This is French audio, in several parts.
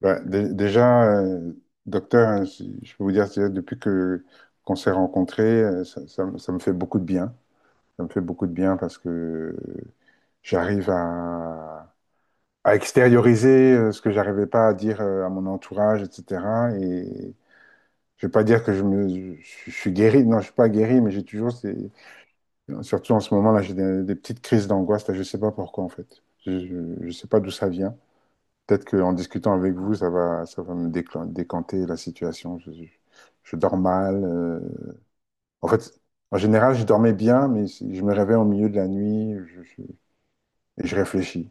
Déjà, docteur, hein, je peux vous dire, depuis que qu'on s'est rencontrés, ça me fait beaucoup de bien. Ça me fait beaucoup de bien parce que j'arrive à extérioriser ce que j'arrivais pas à dire à mon entourage, etc. Et je vais pas dire que je suis guéri. Non, je suis pas guéri, mais j'ai toujours ces, surtout en ce moment-là, j'ai des petites crises d'angoisse là. Je sais pas pourquoi en fait. Je sais pas d'où ça vient. Peut-être qu'en discutant avec vous, ça va me décanter la situation. Je dors mal. En fait, en général, je dormais bien, mais je me réveille au milieu de la nuit et je réfléchis.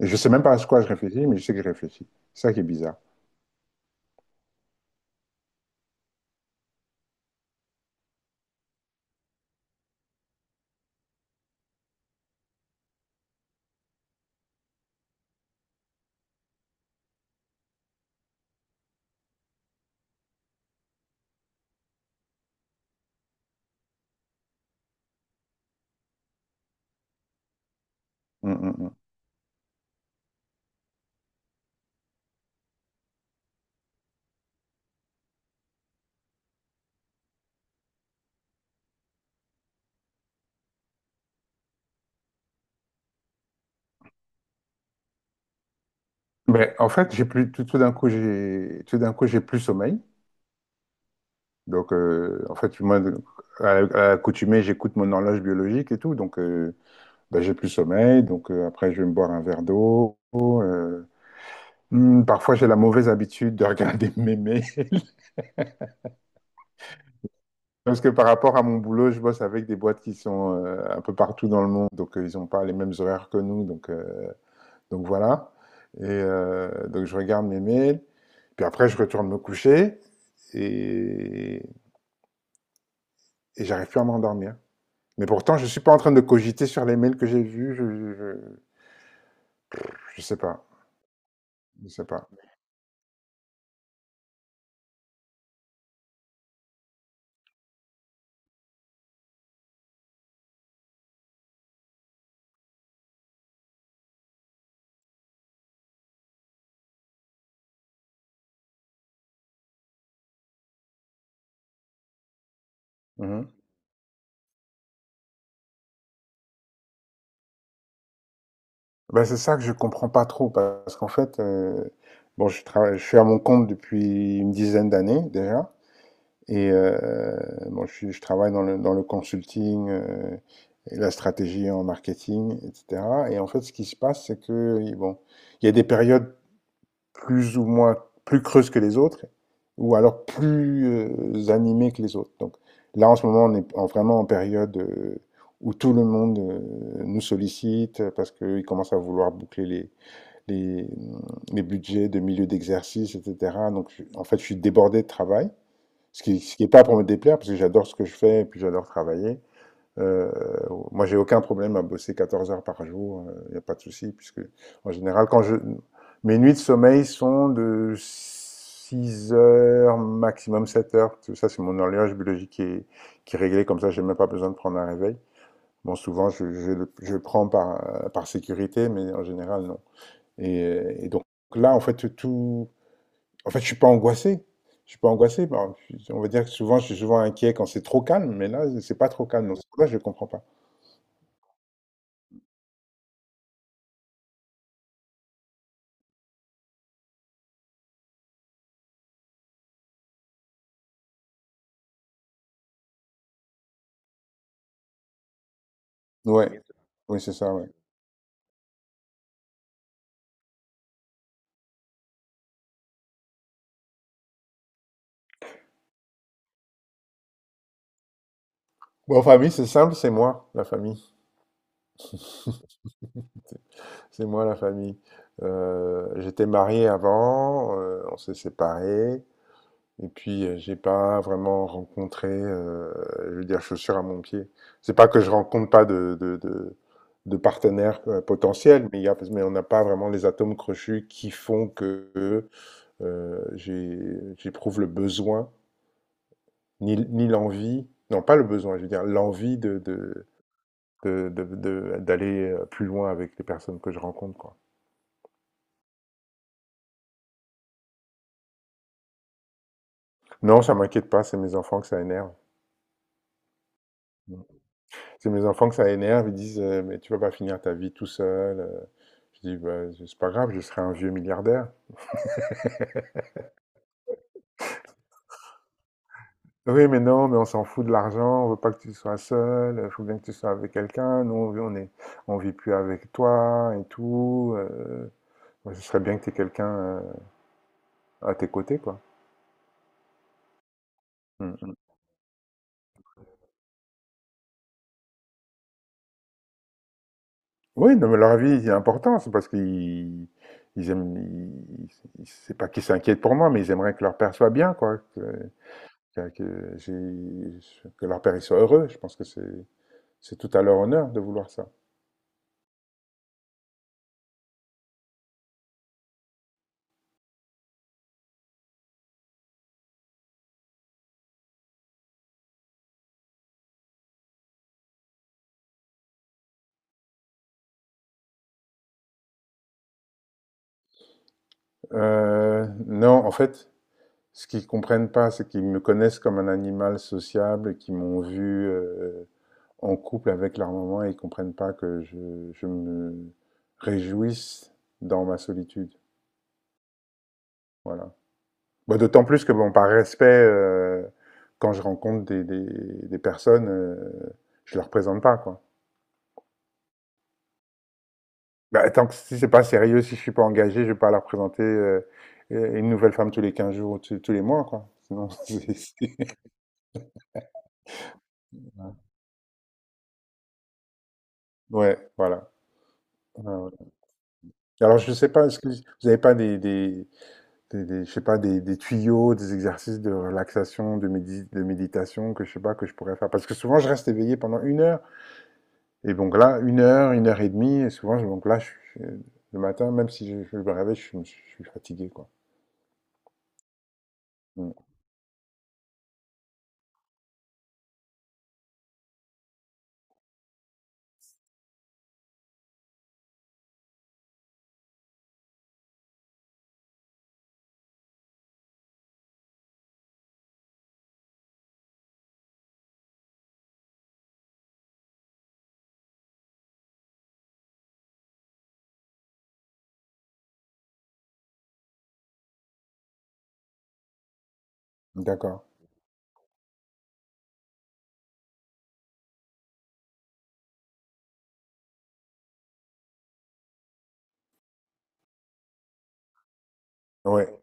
Et je sais même pas à quoi je réfléchis, mais je sais que je réfléchis. C'est ça qui est bizarre. Mm, mm, mm. Ben, en fait, j'ai plus, tout, tout d'un coup, j'ai, tout d'un coup, j'ai plus sommeil. Donc, en fait, moi, à l'accoutumée, j'écoute mon horloge biologique et tout. Donc, ben, j'ai plus sommeil, donc après je vais me boire un verre d'eau. Parfois j'ai la mauvaise habitude de regarder mes mails, parce que par rapport à mon boulot, je bosse avec des boîtes qui sont un peu partout dans le monde, donc ils n'ont pas les mêmes horaires que nous, donc voilà. Et donc je regarde mes mails, puis après je retourne me coucher et, et j'arrive plus à m'endormir. Mais pourtant, je suis pas en train de cogiter sur les mails que j'ai vus, je sais pas, je sais pas. Mmh. Bah, c'est ça que je comprends pas trop parce qu'en fait, bon, je travaille, je suis à mon compte depuis une dizaine d'années déjà et bon, je travaille dans le consulting, et la stratégie en marketing, etc. Et en fait, ce qui se passe, c'est que bon, il y a des périodes plus ou moins plus creuses que les autres ou alors plus animées que les autres. Donc là, en ce moment, on est vraiment en période où tout le monde nous sollicite parce qu'il commence à vouloir boucler les, les budgets de milieu d'exercice, etc. Donc, en fait, je suis débordé de travail, ce qui est pas pour me déplaire, parce que j'adore ce que je fais et puis j'adore travailler. Euh, Moi, j'ai aucun problème à bosser 14 heures par jour, il n'y a pas de souci, puisque en général, quand je... mes nuits de sommeil sont de 6 heures, maximum 7 heures. Tout ça, c'est mon horloge biologique qui est réglée, comme ça, j'ai même pas besoin de prendre un réveil. Bon, souvent, je le prends par sécurité, mais en général, non. Et donc là, en fait, tout. En fait, je suis pas angoissé. Je suis pas angoissé. Bon, je on va dire que souvent, je suis souvent inquiet quand c'est trop calme, mais là, c'est pas trop calme. Donc, c'est pour ça que je comprends pas. Ouais. Oui, c'est ça, ouais. Bon, en famille, c'est simple, c'est moi, la famille. C'est moi, la famille. J'étais marié avant, on s'est séparés. Et puis, j'ai pas vraiment rencontré, je veux dire, chaussure à mon pied. C'est pas que je rencontre pas de partenaires, potentiels, mais il y a mais on n'a pas vraiment les atomes crochus qui font que, heu, j'ai j'éprouve le besoin, ni l'envie non, pas le besoin, je veux dire l'envie de d'aller, plus loin avec les personnes que je rencontre, quoi. Non, ça m'inquiète pas, c'est mes enfants que ça énerve. C'est mes enfants que ça énerve, ils disent mais tu vas pas finir ta vie tout seul. Je dis bah, c'est pas grave, je serai un vieux milliardaire. Oui, mais non, mais on s'en fout de l'argent, on veut pas que tu sois seul, il faut bien que tu sois avec quelqu'un, nous on est, on vit plus avec toi et tout. Ouais, ce serait bien que tu aies quelqu'un à tes côtés, quoi. Mm, mm. Oui, non, mais leur avis est important, c'est parce qu'ils ils aiment, ils- ils- c'est pas qu'ils s'inquiètent pour moi, mais ils aimeraient que leur père soit bien, quoi. Que, que j'ai- que leur père soit heureux. Je pense que c'est tout à leur honneur de vouloir ça. Non, en fait, ce qu'ils ne comprennent pas, c'est qu'ils me connaissent comme un animal sociable, et qu'ils m'ont vu en couple avec leur maman et ils ne comprennent pas que je me réjouisse dans ma solitude. Voilà. Bah, d'autant plus que, bon, par respect, quand je rencontre des personnes, je ne leur présente pas, quoi. Bah, tant que si c'est pas sérieux, si je suis pas engagé, je vais pas leur présenter une nouvelle femme tous les 15 jours ou tous les mois, quoi. Sinon, ouais, voilà. Ouais, ouais. Alors, je sais pas, est-ce que vous n'avez pas je sais pas, des tuyaux, des exercices de relaxation, de, de méditation que je sais pas que je pourrais faire? Parce que souvent, je reste éveillé pendant une heure. Et donc là, une heure et demie, et souvent, donc là, je- le matin, même si je me réveille, je suis fatigué, quoi. Mm. D'accord. Ouais.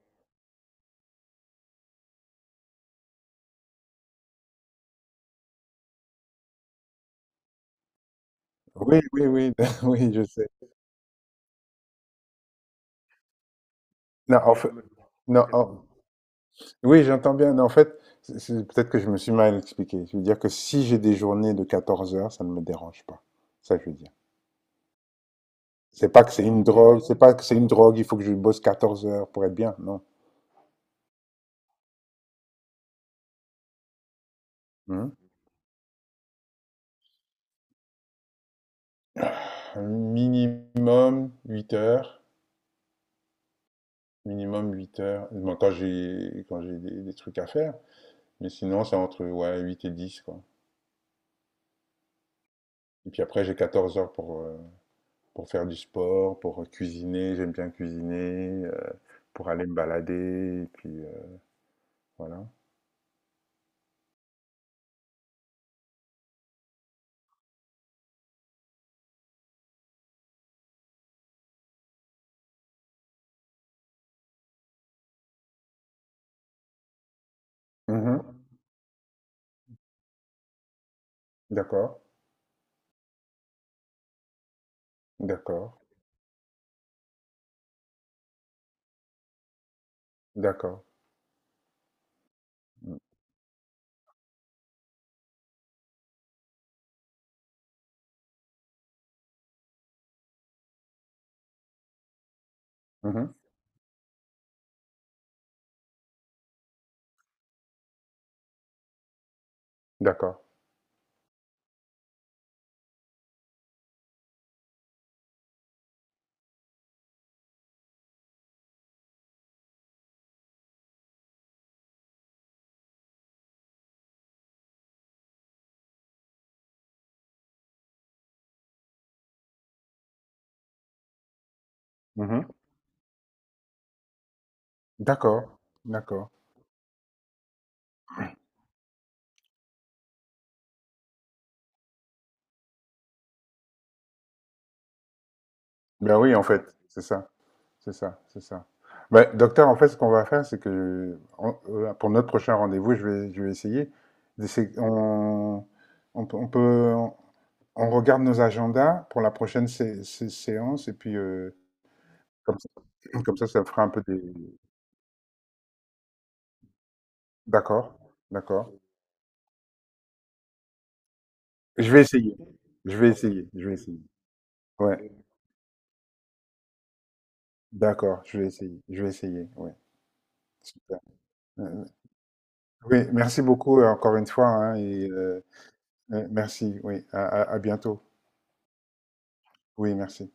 Oui, oui, oui, oui, je sais. Non, en fait, non, en- oui, j'entends bien. Mais en fait, peut-être que je me suis mal expliqué. Je veux dire que si j'ai des journées de 14 heures, ça ne me dérange pas. Ça, je veux dire. C'est pas que c'est une drogue, c'est pas que c'est une drogue, il faut que je bosse 14 heures pour être bien, non. Mhm. Un minimum 8 heures, minimum 8 heures. Bon, quand j'ai des trucs à faire, mais sinon c'est entre ouais, 8 et 10 quoi. Et puis après j'ai 14 heures pour faire du sport, pour cuisiner, j'aime bien cuisiner, pour aller me balader et puis, voilà. Mmh. D'accord, d'accord, d'accord. Mmh. D'accord. Mmh. D'accord, d'accord. Ben oui, en fait, c'est ça, c'est ça. Ben docteur, en fait, ce qu'on va faire, c'est que on pour notre prochain rendez-vous, je vais essayer d'essayer on on peut on regarde nos agendas pour la prochaine sé sé séance et puis, comme ça ça fera un peu des d'accord, d'accord. Je vais essayer. Je vais essayer. Ouais. D'accord. Je vais essayer. Ouais. Super. Euh, oui. Merci beaucoup encore une fois, hein, et merci. Oui. À bientôt. Oui. Merci.